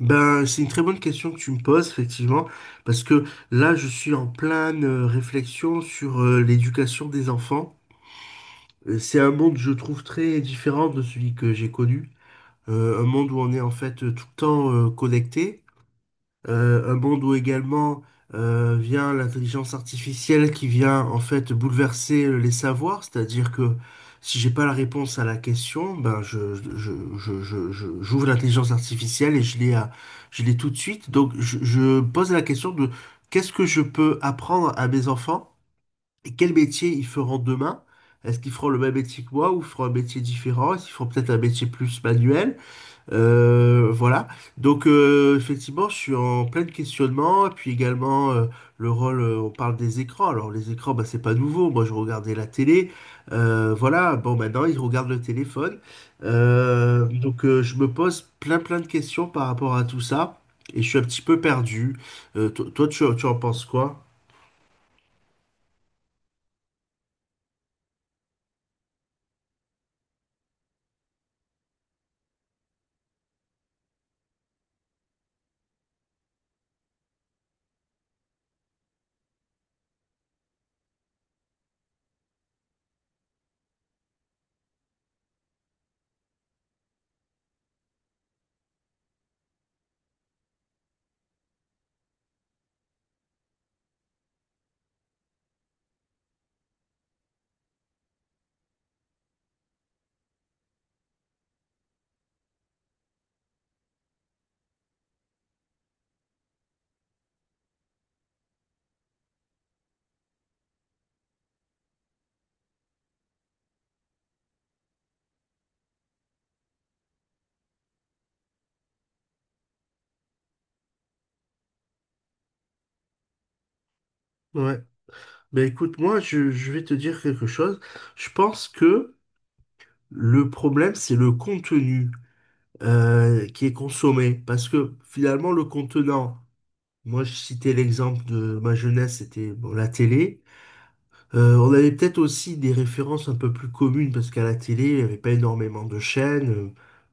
Ben, c'est une très bonne question que tu me poses, effectivement, parce que là, je suis en pleine réflexion sur l'éducation des enfants. C'est un monde, je trouve, très différent de celui que j'ai connu. Un monde où on est en fait tout le temps connecté. Un monde où également vient l'intelligence artificielle qui vient en fait bouleverser les savoirs, c'est-à-dire que si j'ai pas la réponse à la question, ben j'ouvre l'intelligence artificielle et je l'ai tout de suite. Donc je pose la question de qu'est-ce que je peux apprendre à mes enfants et quel métier ils feront demain? Est-ce qu'ils feront le même métier que moi ou feront un métier différent? Est-ce qu'ils feront peut-être un métier plus manuel? Voilà. Donc effectivement, je suis en plein questionnement. Et puis également le rôle, on parle des écrans. Alors les écrans, bah, c'est pas nouveau. Moi, je regardais la télé. Voilà. Bon, maintenant, ils regardent le téléphone. Donc je me pose plein plein de questions par rapport à tout ça. Et je suis un petit peu perdu. Toi, tu en penses quoi? Ouais. Ben écoute, moi, je vais te dire quelque chose. Je pense que le problème, c'est le contenu qui est consommé. Parce que finalement, le contenant, moi je citais l'exemple de ma jeunesse, c'était bon, la télé. On avait peut-être aussi des références un peu plus communes parce qu'à la télé, il n'y avait pas énormément de chaînes,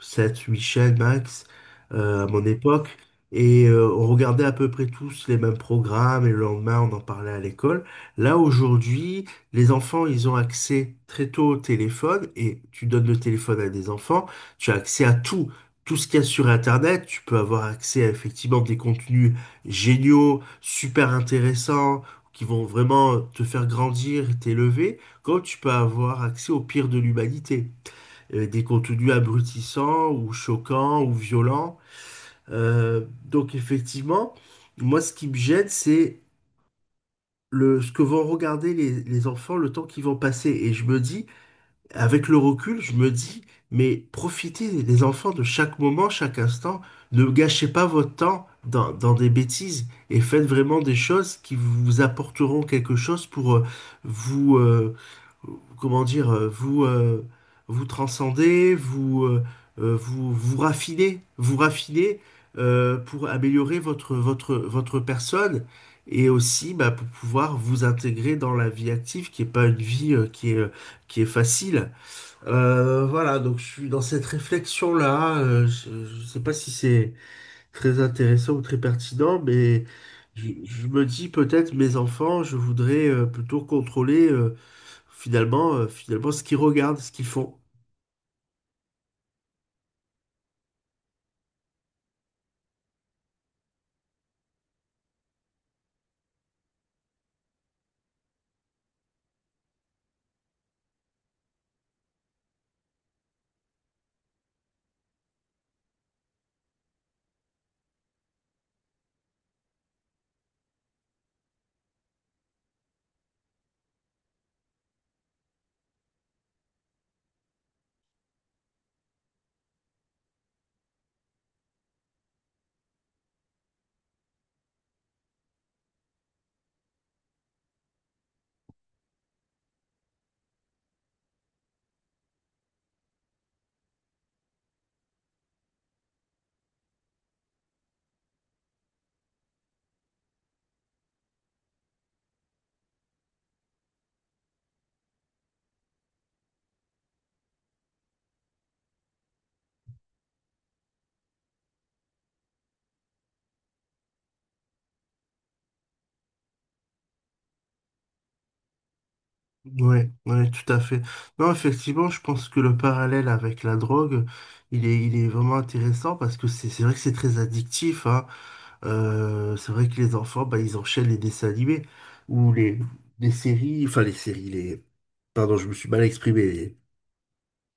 7, 8 chaînes max à mon époque. Et on regardait à peu près tous les mêmes programmes et le lendemain, on en parlait à l'école. Là, aujourd'hui, les enfants, ils ont accès très tôt au téléphone et tu donnes le téléphone à des enfants, tu as accès à tout. Tout ce qu'il y a sur Internet, tu peux avoir accès à effectivement des contenus géniaux, super intéressants qui vont vraiment te faire grandir et t'élever, comme tu peux avoir accès au pire de l'humanité. Des contenus abrutissants ou choquants ou violents. Donc effectivement, moi ce qui me gêne, c'est le, ce que vont regarder les enfants le temps qu'ils vont passer. Et je me dis, avec le recul, je me dis, mais profitez des enfants de chaque moment, chaque instant. Ne gâchez pas votre temps dans des bêtises et faites vraiment des choses qui vous apporteront quelque chose pour vous, euh, comment dire, euh, vous, euh, vous transcender, vous raffiner pour améliorer votre personne. Et aussi, bah, pour pouvoir vous intégrer dans la vie active, qui n'est pas une vie qui est facile. Voilà, donc je suis dans cette réflexion-là. Je ne sais pas si c'est très intéressant ou très pertinent, mais je me dis peut-être mes enfants, je voudrais plutôt contrôler finalement ce qu'ils regardent, ce qu'ils font. Ouais, ouais, tout à fait. Non, effectivement, je pense que le parallèle avec la drogue, il est vraiment intéressant parce que c'est vrai que c'est très addictif, hein. C'est vrai que les enfants, bah, ils enchaînent les dessins animés ou les séries, enfin les séries, les... Pardon, je me suis mal exprimé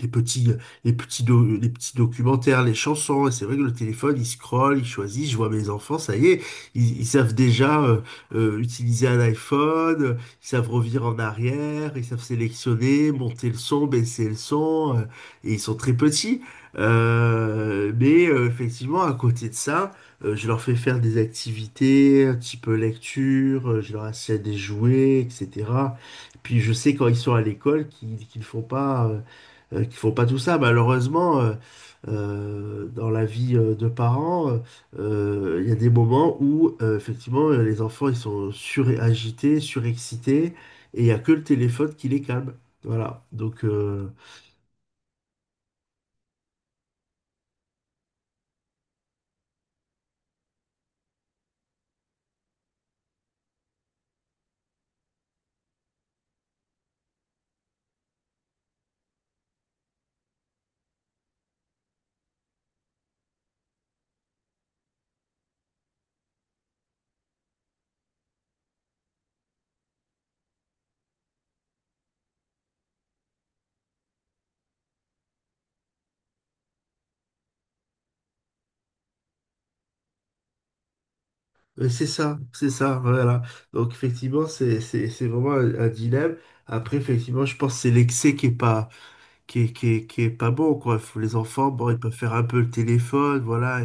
les petits, euh, les petits documentaires, les chansons. Et c'est vrai que le téléphone, il scrolle, il choisit. Je vois mes enfants, ça y est, ils savent déjà utiliser un iPhone, ils savent revenir en arrière, ils savent sélectionner, monter le son, baisser le son. Et ils sont très petits. Mais effectivement, à côté de ça, je leur fais faire des activités, un petit peu lecture, je leur achète des jouets, etc. Puis je sais quand ils sont à l'école qu'ils font pas. Qui font pas tout ça. Malheureusement, dans la vie de parents, il y a des moments où effectivement les enfants ils sont suragités, surexcités, et il n'y a que le téléphone qui les calme. Voilà. C'est ça, c'est ça, voilà. Donc effectivement, c'est vraiment un dilemme. Après, effectivement, je pense que c'est l'excès qui est pas qui est pas bon, quoi. Faut- Les enfants, bon, ils peuvent faire un peu le téléphone, voilà,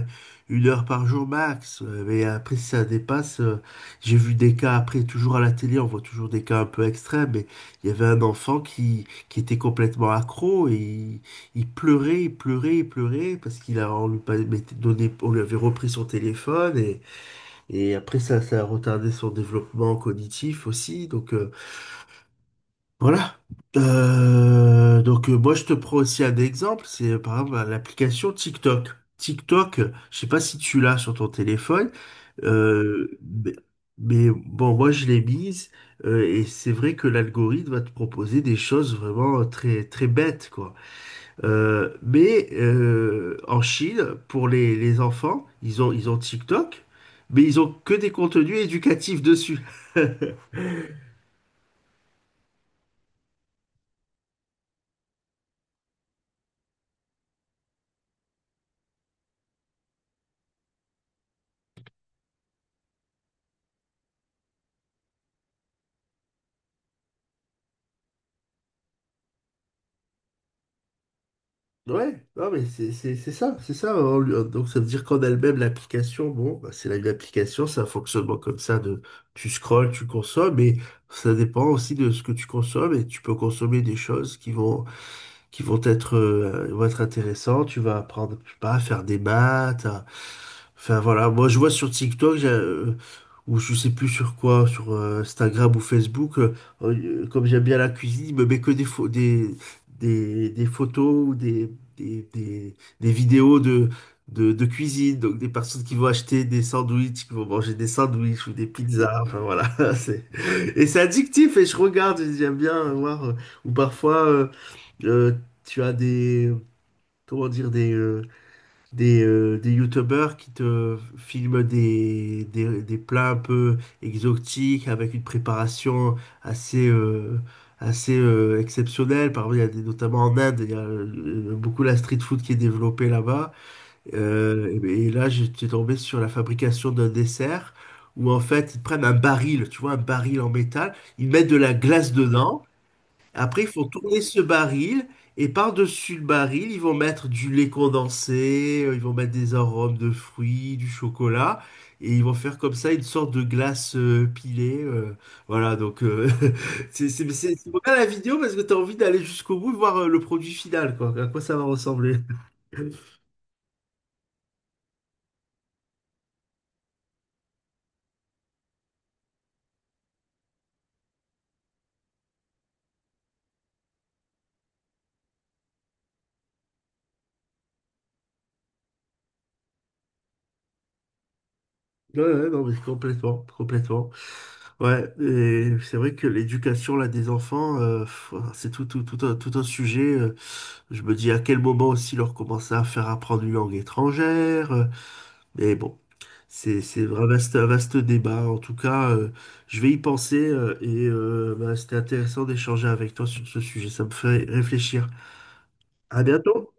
une heure par jour max. Mais après, si ça dépasse, j'ai vu des cas après, toujours à la télé, on voit toujours des cas un peu extrêmes, mais il y avait un enfant qui était complètement accro et il pleurait, il pleurait, il pleurait parce qu'il a, on lui, pas- mettait- donné, on lui avait repris son téléphone et après, ça a retardé son développement cognitif aussi. Donc, voilà. Moi je te prends aussi un exemple, c'est par exemple l'application TikTok. TikTok, je sais pas si tu l'as sur ton téléphone, euh, mais, mais bon moi je l'ai mise et c'est vrai que l'algorithme va te proposer des choses vraiment très très bêtes quoi. Mais en Chine, pour les enfants, ils ont TikTok, mais ils ont que des contenus éducatifs dessus. Ouais, non mais c'est ça, c'est ça, hein, lui, hein. Donc ça veut dire qu'en elle-même, l'application, bon, bah, c'est la même application, c'est un fonctionnement comme ça de tu scrolles, tu consommes, mais ça dépend aussi de ce que tu consommes et tu peux consommer des choses qui vont être intéressants. Tu vas apprendre, je sais pas, à faire des maths. À- Enfin voilà, moi je vois sur TikTok, j'ai, ou je sais plus sur quoi, sur Instagram ou Facebook, comme j'aime bien la cuisine, il me met que des photos ou des, des, des vidéos de cuisine. Donc des personnes qui vont acheter des sandwichs, qui vont manger des sandwichs ou des pizzas. Enfin voilà, c'est... Et c'est addictif et je regarde, et j'aime bien voir. Ou parfois... euh, tu as comment dire, des, euh, des youtubeurs qui te filment des plats un peu exotiques avec une préparation assez, euh, assez exceptionnelle. Par exemple, il y a des- notamment en Inde, il y a beaucoup la street food qui est développée là-bas. Et là, j'étais tombé sur la fabrication d'un dessert où en fait, ils prennent un baril, tu vois, un baril en métal, ils mettent de la glace dedans. Après, ils font tourner ce baril et par-dessus le baril, ils vont mettre du lait condensé, ils vont mettre des arômes de fruits, du chocolat et ils vont faire comme ça une sorte de glace pilée. Voilà, donc c'est pour ça la vidéo parce que tu as envie d'aller jusqu'au bout et voir le produit final, quoi, à quoi ça va ressembler. Ouais, ouais, non, mais complètement, complètement. Ouais, et c'est vrai que l'éducation là des enfants, pff, c'est tout un sujet. Je me dis à quel moment aussi leur commencer à faire apprendre une langue étrangère. Mais bon, c'est un vaste débat. En tout cas, je vais y penser et bah, c'était intéressant d'échanger avec toi sur ce sujet. Ça me fait réfléchir. À bientôt!